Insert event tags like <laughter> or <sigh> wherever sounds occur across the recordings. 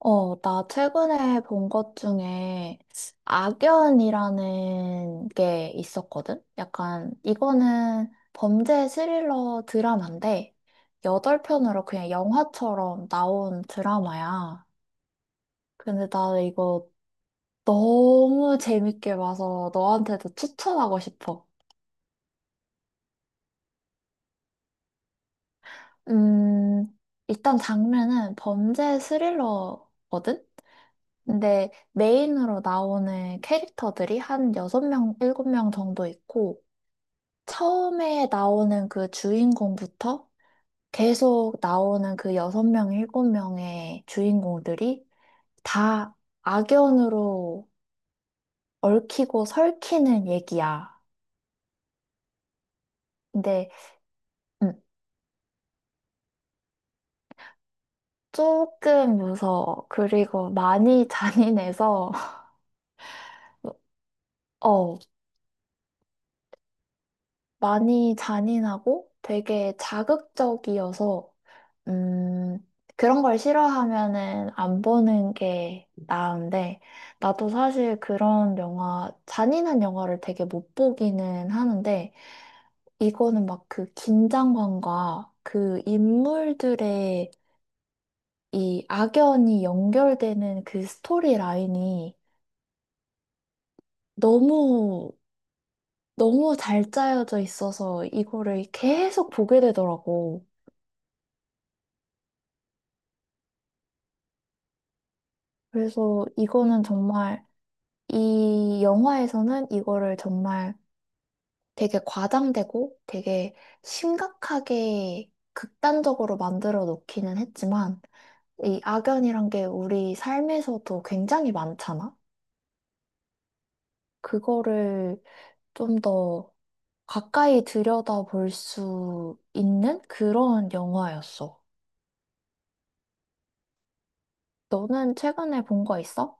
어, 나 최근에 본 것 중에 악연이라는 게 있었거든? 약간, 이거는 범죄 스릴러 드라마인데, 여덟 편으로 그냥 영화처럼 나온 드라마야. 근데 나 이거 너무 재밌게 봐서 너한테도 추천하고 싶어. 음, 일단 장르는 범죄 스릴러거든? 근데 메인으로 나오는 캐릭터들이 한 6명, 7명 정도 있고, 처음에 나오는 그 주인공부터 계속 나오는 그 6명, 7명의 주인공들이 다 악연으로 얽히고 설키는 얘기야. 근데, 음, 조금 무서워. 그리고 많이 잔인해서, <laughs> 어, 많이 잔인하고 되게 자극적이어서 음, 그런 걸 싫어하면은 안 보는 게 나은데, 나도 사실 그런 영화, 잔인한 영화를 되게 못 보기는 하는데, 이거는 막 그 긴장감과 그 인물들의 이 악연이 연결되는 그 스토리 라인이 너무, 너무 잘 짜여져 있어서 이거를 계속 보게 되더라고. 그래서 이거는 정말 이 영화에서는 이거를 정말 되게 과장되고 되게 심각하게 극단적으로 만들어 놓기는 했지만 이 악연이란 게 우리 삶에서도 굉장히 많잖아. 그거를 좀 더 가까이 들여다볼 수 있는 그런 영화였어. 너는 최근에 본 거 있어?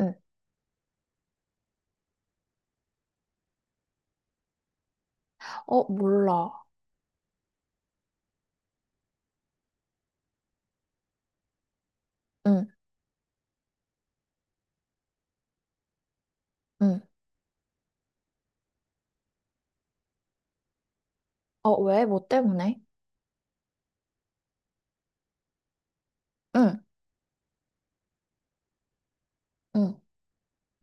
응. 어, 몰라. 응, 응. 어, 왜? 뭐 때문에? 응, 응,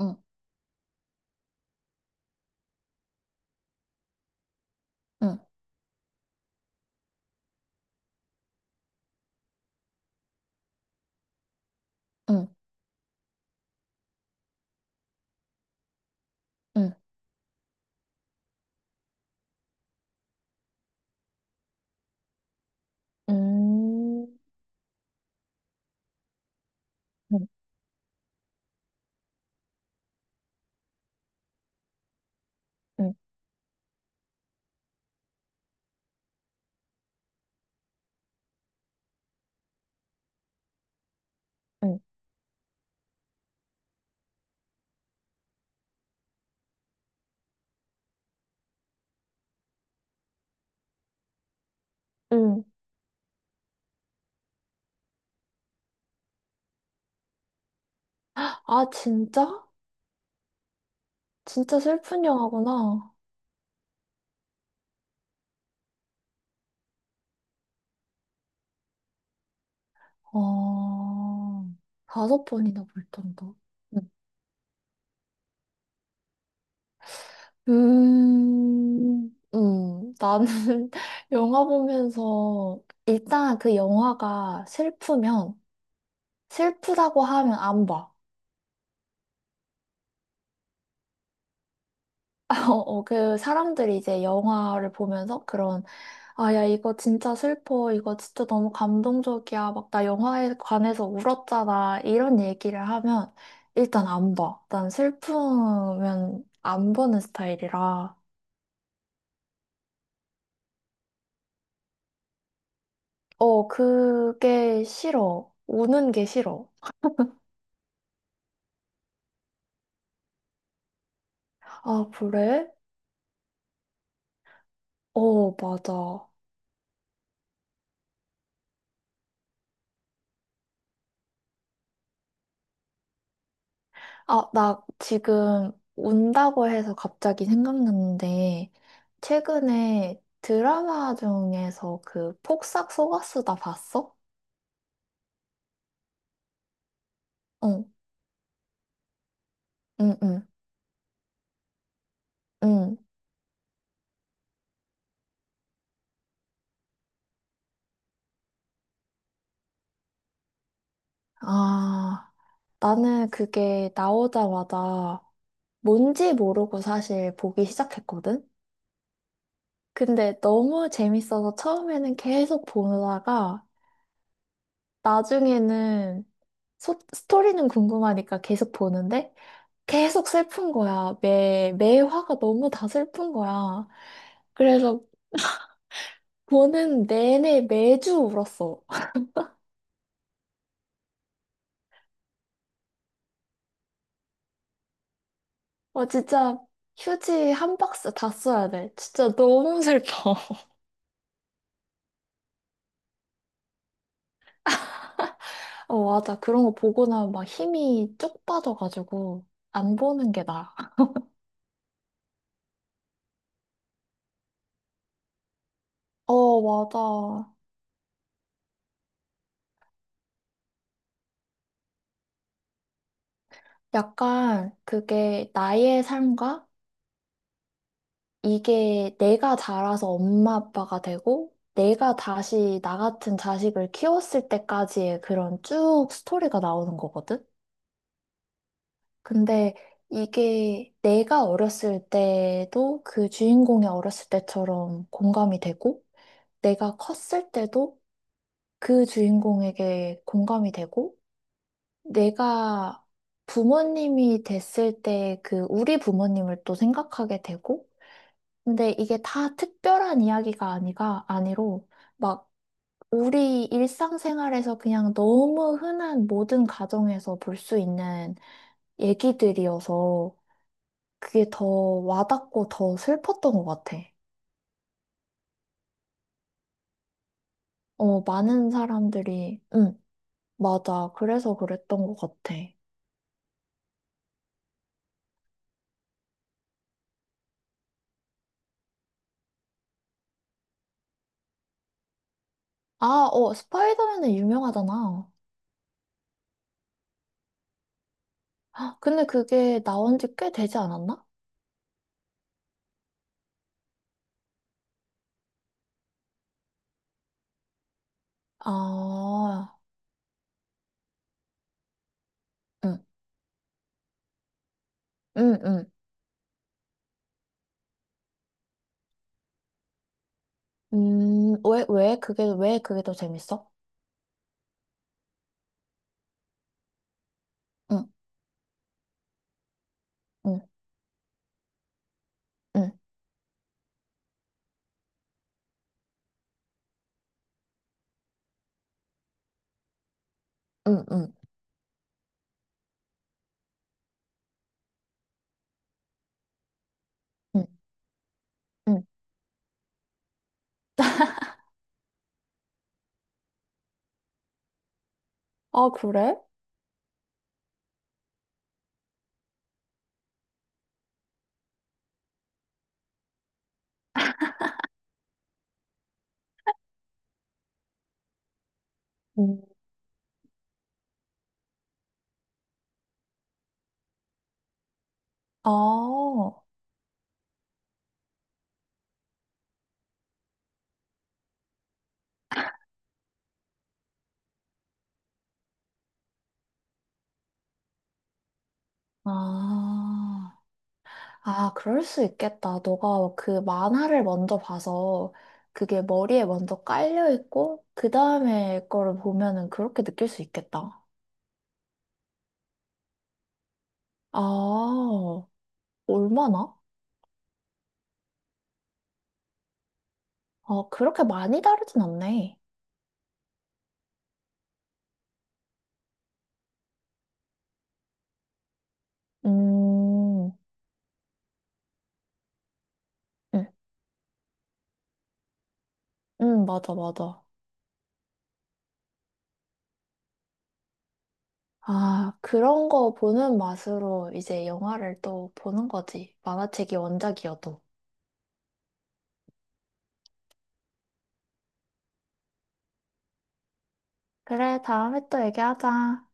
응, 응, 응, 응. 음, 음, 음, 음. 음. 아, 진짜? 진짜 슬픈 영화구나. 어, 다섯 번이나 볼 정도. 음, 나는 <laughs> 영화 보면서 일단 그 영화가 슬프면 슬프다고 하면 안 봐. <laughs> 어, 그 사람들이 이제 영화를 보면서 그런 아, 야, 이거 진짜 슬퍼. 이거 진짜 너무 감동적이야. 막, 나 영화에 관해서 울었잖아. 이런 얘기를 하면, 일단 안 봐. 난 슬프면 안 보는 스타일이라. 어, 그게 싫어. 우는 게 싫어. 아, 그래? 어, 맞아. 아, 나 지금 운다고 해서 갑자기 생각났는데, 최근에 드라마 중에서 그 폭삭 속았수다 봤어? 응, 응, 응. 응. 아, 나는 그게 나오자마자 뭔지 모르고 사실 보기 시작했거든? 근데 너무 재밌어서 처음에는 계속 보다가 나중에는 스토리는 궁금하니까 계속 보는데 계속 슬픈 거야. 매 화가 너무 다 슬픈 거야. 그래서 보는 내내 매주 울었어. <laughs> 어, 진짜 휴지 한 박스 다 써야 돼. 진짜 너무 <laughs> 슬퍼. 어, 맞아. 그런 거 보고 나면 막 힘이 쭉 빠져가지고 안 보는 게 나아. 어, 맞아. 약간 그게 나의 삶과 이게 내가 자라서 엄마 아빠가 되고 내가 다시 나 같은 자식을 키웠을 때까지의 그런 쭉 스토리가 나오는 거거든? 근데 이게 내가 어렸을 때도 그 주인공이 어렸을 때처럼 공감이 되고 내가 컸을 때도 그 주인공에게 공감이 되고, 내가 부모님이 됐을 때 그 우리 부모님을 또 생각하게 되고, 근데 이게 다 특별한 이야기가 아니가 아니로, 막 우리 일상생활에서 그냥 너무 흔한 모든 가정에서 볼 수 있는 얘기들이어서 그게 더 와닿고 더 슬펐던 것 같아. 어, 많은 사람들이, 응, 맞아. 그래서 그랬던 것 같아. 아, 어, 스파이더맨은 유명하잖아. 아, 근데 그게 나온 지 꽤 되지 않았나? 아, 응, 응, 응. 왜 그게 더 재밌어? 응, 응, 응, 응, 응, 응, 응. 아, 그래? 응. 아, 아, 아, 그럴 수 있겠다. 너가 그 만화를 먼저 봐서 그게 머리에 먼저 깔려 있고, 그 다음에 거를 보면은 그렇게 느낄 수 있겠다. 아, 얼마나? 어, 그렇게 많이 다르진 않네. 음, 응 응 맞아, 맞아. 아, 그런 거 보는 맛으로 이제 영화를 또 보는 거지. 만화책이 원작이어도. 그래, 다음에 또 얘기하자.